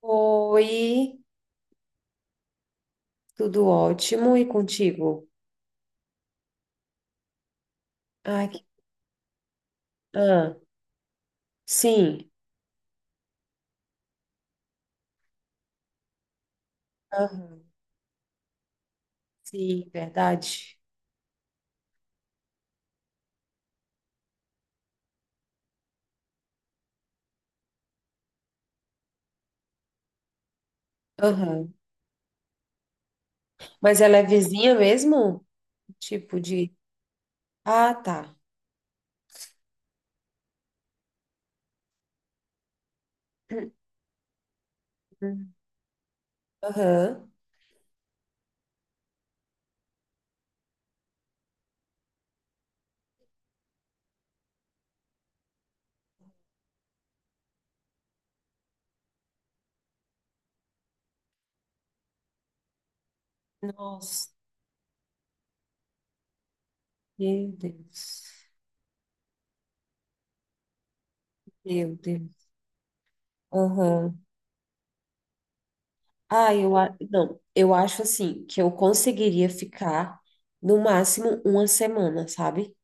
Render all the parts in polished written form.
Oi, tudo ótimo e contigo? Ai, que... ah, sim, aham, sim, verdade. Aham. Mas ela é vizinha mesmo? Tipo de. Ah, tá. Uhum. Aham. Nossa, meu Deus. Meu Deus. Aham. Ah, não, eu acho assim que eu conseguiria ficar no máximo uma semana, sabe?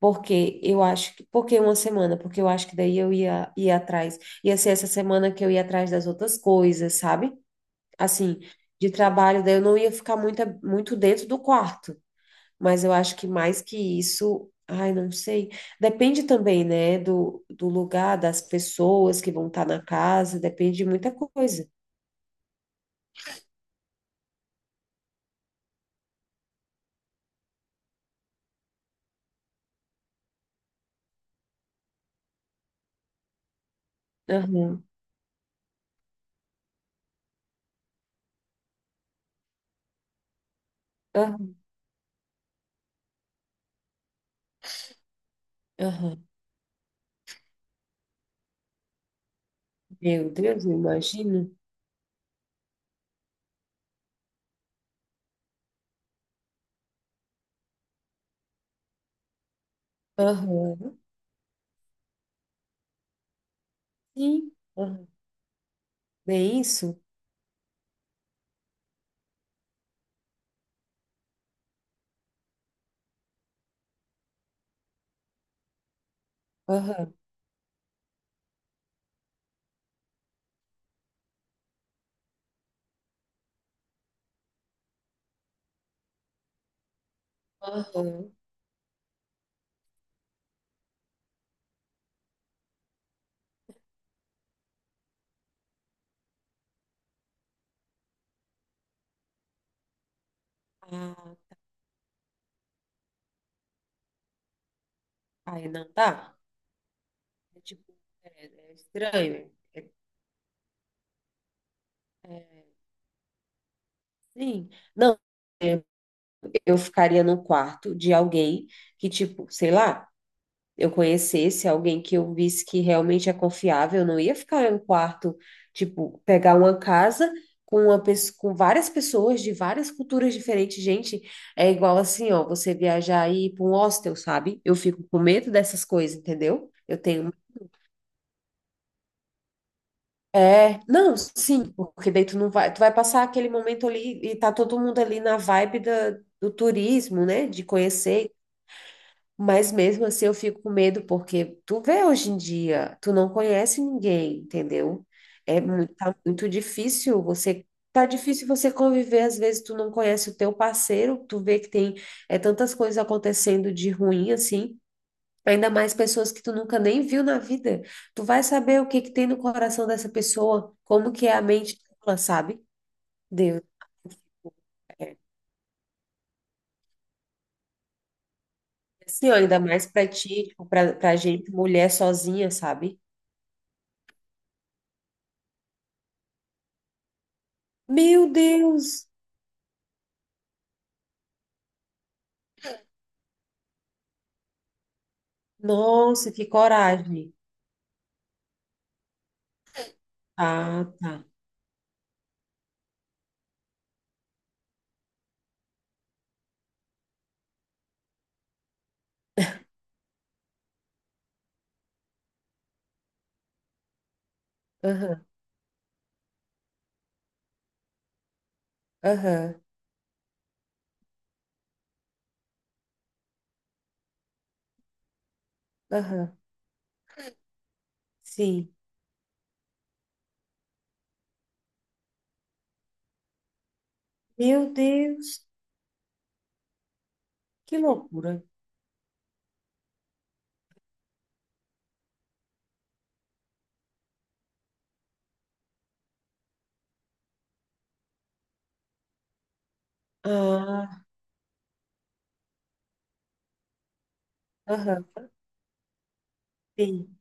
Porque eu acho que, porque uma semana, porque eu acho que daí eu ia atrás. Ia ser essa semana que eu ia atrás das outras coisas, sabe? Assim, de trabalho, daí eu não ia ficar muito, muito dentro do quarto. Mas eu acho que mais que isso, ai, não sei. Depende também, né, do lugar, das pessoas que vão estar na casa, depende de muita coisa. Aham, aham, aham. Meu Deus, eu imagino. Aham, sim, aham. Bem isso? Aham, aham. Ai, não dá. É tipo, é, é estranho. É, é, sim. Não, é, eu ficaria no quarto de alguém que, tipo, sei lá, eu conhecesse alguém que eu visse que realmente é confiável. Eu não ia ficar em um quarto, tipo, pegar uma casa com uma pessoa, com várias pessoas de várias culturas diferentes. Gente, é igual assim, ó, você viajar e ir para um hostel, sabe? Eu fico com medo dessas coisas, entendeu? Eu tenho... É, não, sim, porque daí tu não vai, tu vai passar aquele momento ali e tá todo mundo ali na vibe da, do turismo, né, de conhecer, mas mesmo assim eu fico com medo porque tu vê hoje em dia, tu não conhece ninguém, entendeu? É muito, tá muito difícil você, tá difícil você conviver, às vezes tu não conhece o teu parceiro, tu vê que tem é, tantas coisas acontecendo de ruim assim. Ainda mais pessoas que tu nunca nem viu na vida. Tu vai saber o que que tem no coração dessa pessoa, como que é a mente dela, sabe? Deus. É. Assim, ó, ainda mais pra ti, tipo, pra, pra gente, mulher sozinha, sabe? Meu Deus! Nossa, que coragem. Ah, tá. Aham, aham, aham. Sim. Meu Deus, que loucura. Ah, aham, sim,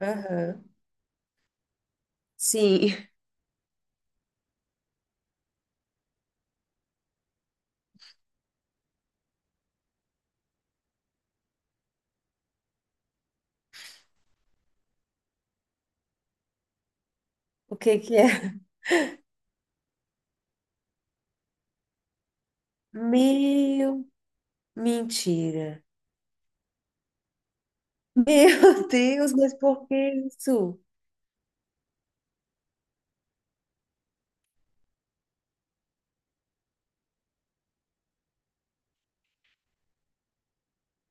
aham. Sim. O que que é? Meu, mentira. Meu Deus, mas por que isso?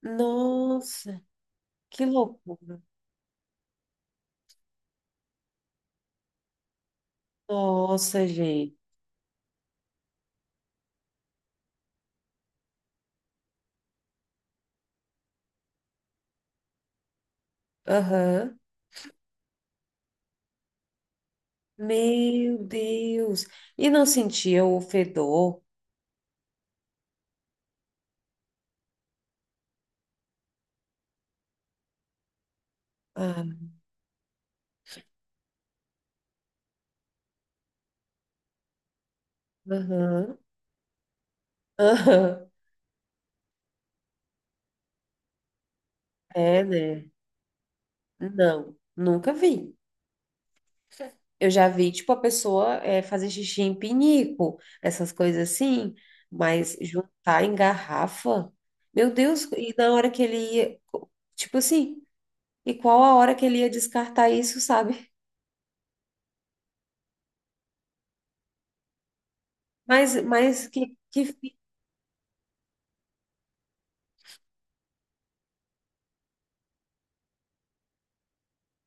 Nossa, que loucura. Nossa, gente. Aham. Meu Deus. E não sentia o fedor? Ah, aham. Aham. É, né? Não, nunca vi. Eu já vi, tipo, a pessoa é, fazer xixi em pinico, essas coisas assim, mas juntar em garrafa. Meu Deus, e na hora que ele ia, tipo assim. E qual a hora que ele ia descartar isso, sabe? Mas que...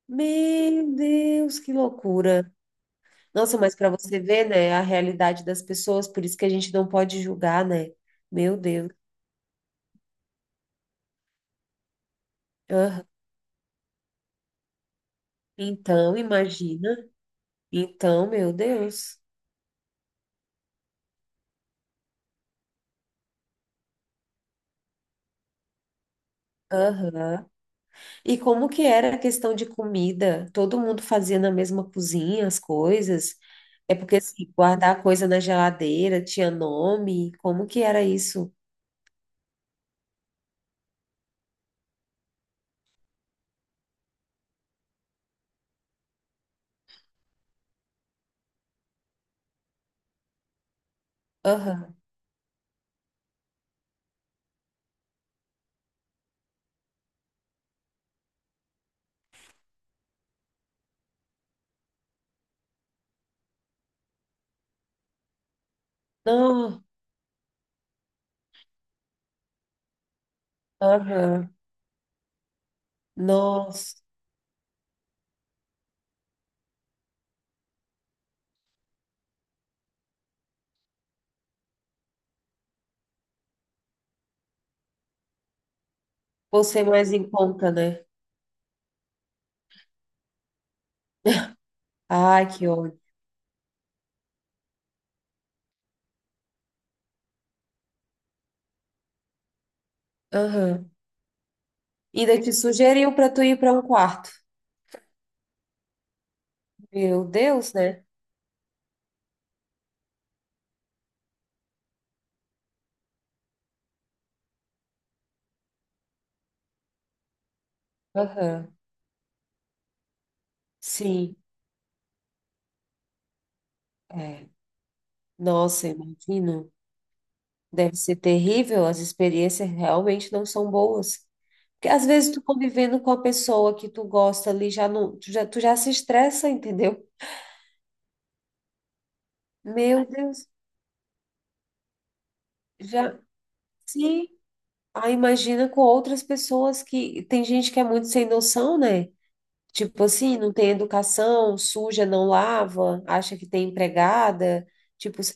Meu Deus, que loucura. Nossa, mas para você ver, né, a realidade das pessoas, por isso que a gente não pode julgar, né? Meu Deus. Então, imagina. Então, meu Deus. Aham. E como que era a questão de comida? Todo mundo fazia na mesma cozinha as coisas? É porque, assim, guardar coisa na geladeira tinha nome? Como que era isso? Aham. Não. Aham. Nossa, você mais em conta, né? Ai, que ódio. Aham. Ainda te sugeriu para tu ir para um quarto. Meu Deus, né? Aham. Sim, é. Nossa, imagino. Deve ser terrível, as experiências realmente não são boas. Porque às vezes tu convivendo com a pessoa que tu gosta ali, já não, tu já se estressa, entendeu? Meu Deus, já, sim. Aí imagina com outras pessoas que tem gente que é muito sem noção, né? Tipo assim, não tem educação, suja, não lava, acha que tem empregada. Tipo, assim,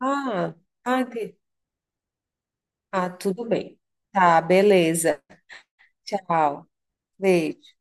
ah, ah, que- ah, tudo bem. Tá, beleza. Tchau. Beijo.